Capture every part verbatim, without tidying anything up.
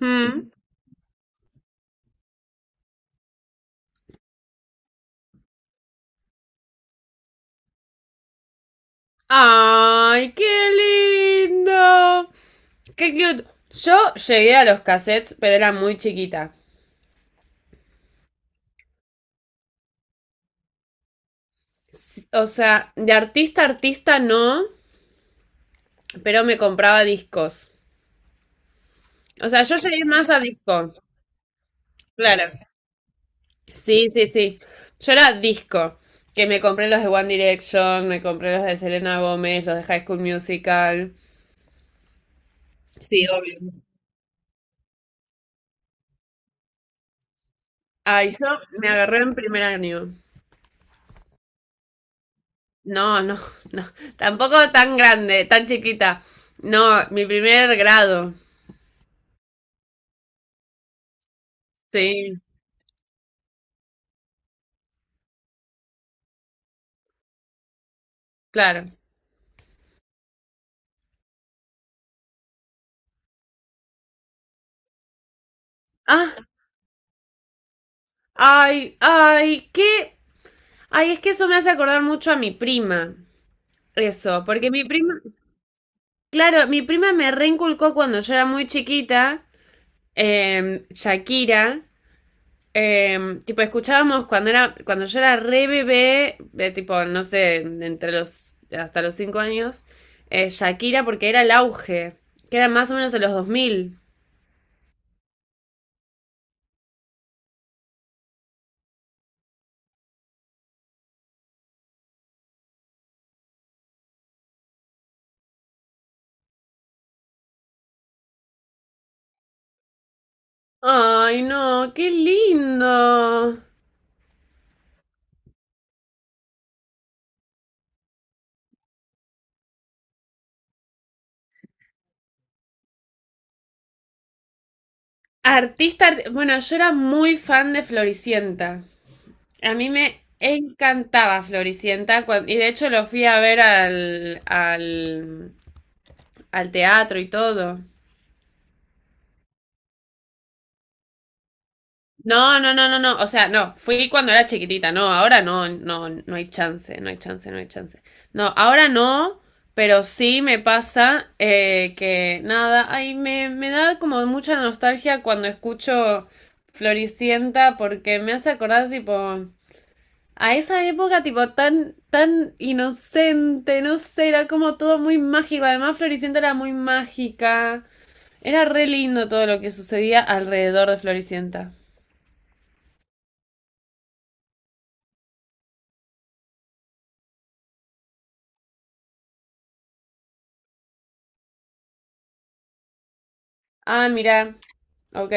Mm. ¡Ay, qué lindo! ¡Qué cute! Yo llegué a los cassettes, pero era muy chiquita. O sea, de artista a artista no, pero me compraba discos. O sea, yo llegué más a disco. Claro. Sí, sí, sí. Yo era disco. Que me compré los de One Direction, me compré los de Selena Gómez, los de High School Musical. Sí, obvio. Ay, yo me agarré en primer año. No, no, no. Tampoco tan grande, tan chiquita. No, mi primer grado. Sí, claro. Ah, ay, ay, qué. Ay, es que eso me hace acordar mucho a mi prima. Eso, porque mi prima, claro, mi prima me reinculcó cuando yo era muy chiquita, em, Shakira. Eh, tipo, escuchábamos cuando era, cuando yo era re bebé, de tipo, no sé, entre los, hasta los cinco años, eh, Shakira, porque era el auge, que era más o menos en los dos mil. Ay, no, qué lindo. Artista, arti- bueno, yo era muy fan de Floricienta. A mí me encantaba Floricienta, cuan- y de hecho lo fui a ver al, al, al teatro y todo. No, no, no, no, no. O sea, no, fui cuando era chiquitita, no, ahora no, no, no hay chance, no hay chance, no hay chance. No, ahora no, pero sí me pasa eh, que nada, ay, me, me da como mucha nostalgia cuando escucho Floricienta, porque me hace acordar tipo a esa época tipo tan, tan inocente, no sé, era como todo muy mágico. Además, Floricienta era muy mágica. Era re lindo todo lo que sucedía alrededor de Floricienta. Ah, mira. Ok.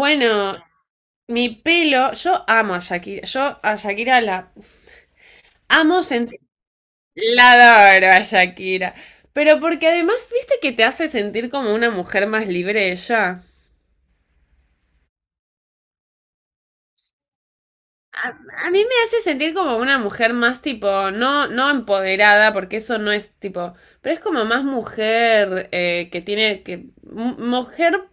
Bueno, mi pelo, yo amo a Shakira, yo a Shakira la amo sentir, la adoro a Shakira, pero porque además, viste que te hace sentir como una mujer más libre ella. A, a mí me hace sentir como una mujer más tipo, no, no empoderada, porque eso no es tipo, pero es como más mujer eh, que tiene, que, mu- mujer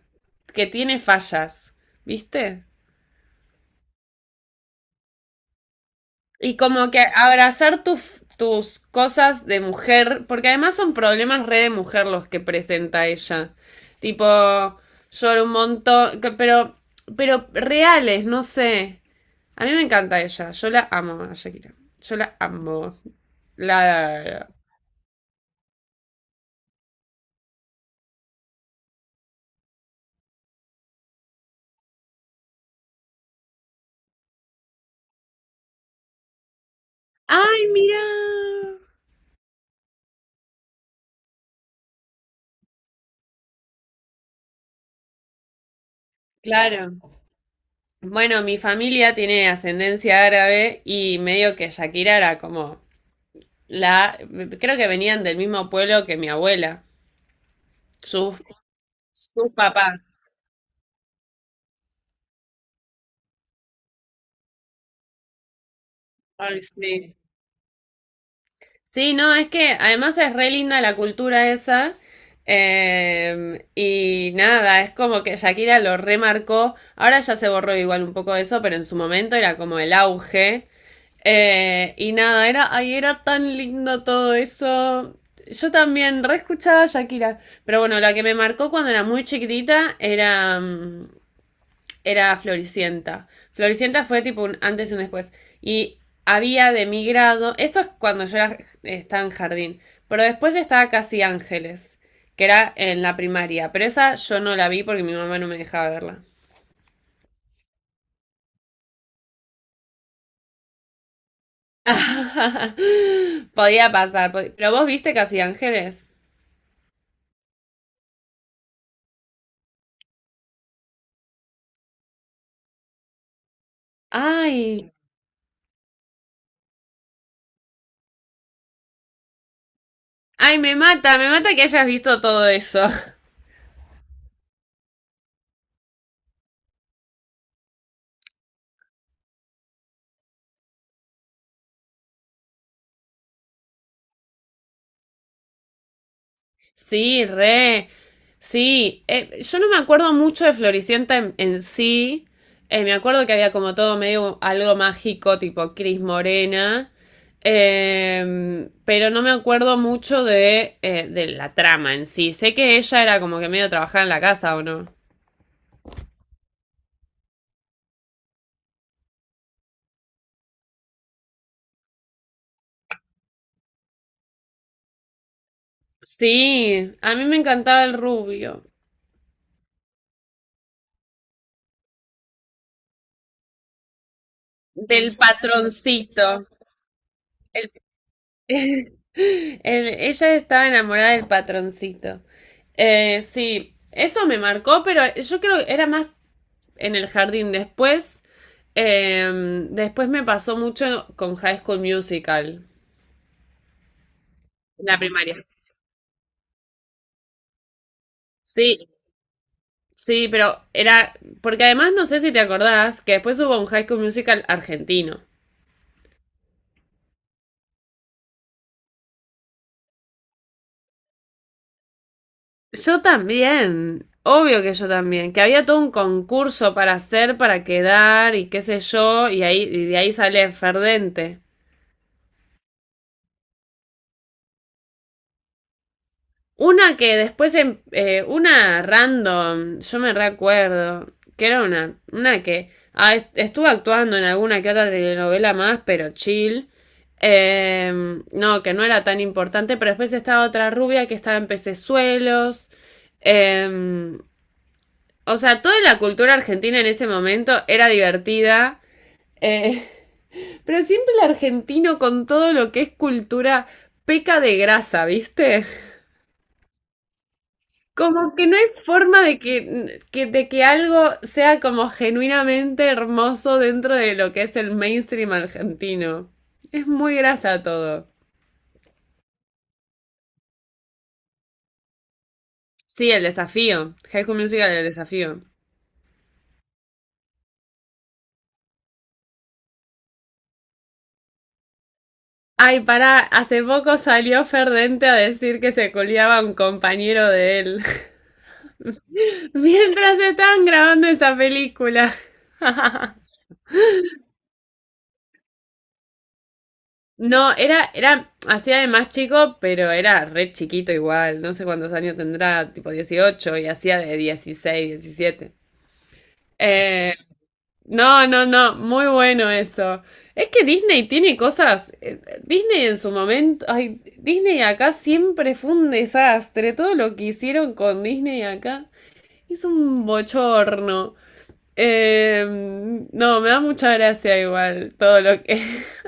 que tiene fallas, ¿viste? Y como que abrazar tus, tus cosas de mujer, porque además son problemas re de mujer los que presenta ella. Tipo, lloro un montón, que- pero, pero reales, no sé. A mí me encanta ella, yo la amo a Shakira. Yo la amo. La... la- ¡Ay, mira! Claro. Bueno, mi familia tiene ascendencia árabe y medio que Shakira era como la... Creo que venían del mismo pueblo que mi abuela. Su Su papá. Ay, sí. Sí, no, es que además es re linda la cultura esa. Eh, y nada, es como que Shakira lo remarcó. Ahora ya se borró igual un poco eso, pero en su momento era como el auge. Eh, y nada, era, ay, era tan lindo todo eso. Yo también re escuchaba a Shakira. Pero bueno, la que me marcó cuando era muy chiquitita era mm, era Floricienta. Floricienta fue tipo un antes y un después. Y había de mi grado, esto es cuando yo era, estaba en jardín, pero después estaba Casi Ángeles, que era en la primaria, pero esa yo no la vi porque mi mamá no me dejaba verla. Podía pasar, pod pero vos viste Casi Ángeles. Ay, ay, me mata, me mata que hayas visto todo eso. Sí, re. Sí, eh, yo no me acuerdo mucho de Floricienta en, en sí. Eh, me acuerdo que había como todo medio algo mágico, tipo Cris Morena. Eh, pero no me acuerdo mucho de, eh, de la trama en sí. Sé que ella era como que medio trabajaba en la casa, ¿o no? Sí, a mí me encantaba el rubio. Del patroncito. El- ella estaba enamorada del patroncito. Eh, sí, eso me marcó, pero yo creo que era más en el jardín. Después, eh, después me pasó mucho con High School Musical. La primaria. Sí, sí, pero era, porque además no sé si te acordás que después hubo un High School Musical argentino. Yo también, obvio que yo también, que había todo un concurso para hacer, para quedar y qué sé yo, y ahí y de ahí sale Ferdente. Una que después, em- eh, una random, yo me recuerdo, que era una, una que ah, estuvo actuando en alguna que otra telenovela más, pero chill. Eh, no, que no era tan importante, pero después estaba otra rubia que estaba en pecesuelos. Eh, o sea, toda la cultura argentina en ese momento era divertida. eh, pero siempre el argentino con todo lo que es cultura peca de grasa, ¿viste? Como que no hay forma de que, que- de que algo sea como genuinamente hermoso dentro de lo que es el mainstream argentino. Es muy grasa todo. Sí, el desafío. High School Musical, el desafío. Ay, pará, hace poco salió Ferdente a decir que se culiaba a un compañero de él. Mientras estaban grabando esa película. No, era, era hacía de más chico, pero era re chiquito igual. No sé cuántos años tendrá, tipo dieciocho y hacía de dieciséis, diecisiete. Eh, no, no, no, muy bueno eso. Es que Disney tiene cosas. eh, Disney en su momento. Ay, Disney acá siempre fue un desastre. Todo lo que hicieron con Disney acá es un bochorno. Eh, no, me da mucha gracia igual todo lo que.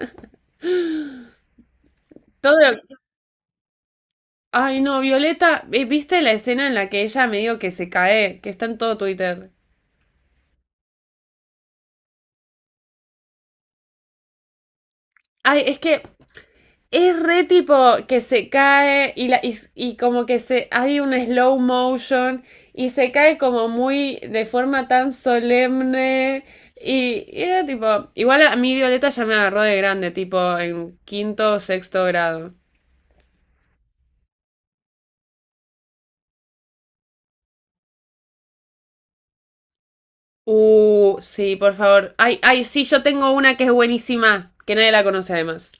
Todo lo ay, no, Violeta, eh, ¿viste la escena en la que ella medio que se cae? Que está en todo Twitter. Ay, es que es re tipo que se cae y, la, y, y como que se hay un slow motion y se cae como muy de forma tan solemne. Y, y era tipo, igual a mí Violeta ya me agarró de grande, tipo en quinto o sexto grado. Uh, sí, por favor. Ay, ay, sí, yo tengo una que es buenísima, que nadie la conoce además.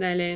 Dale.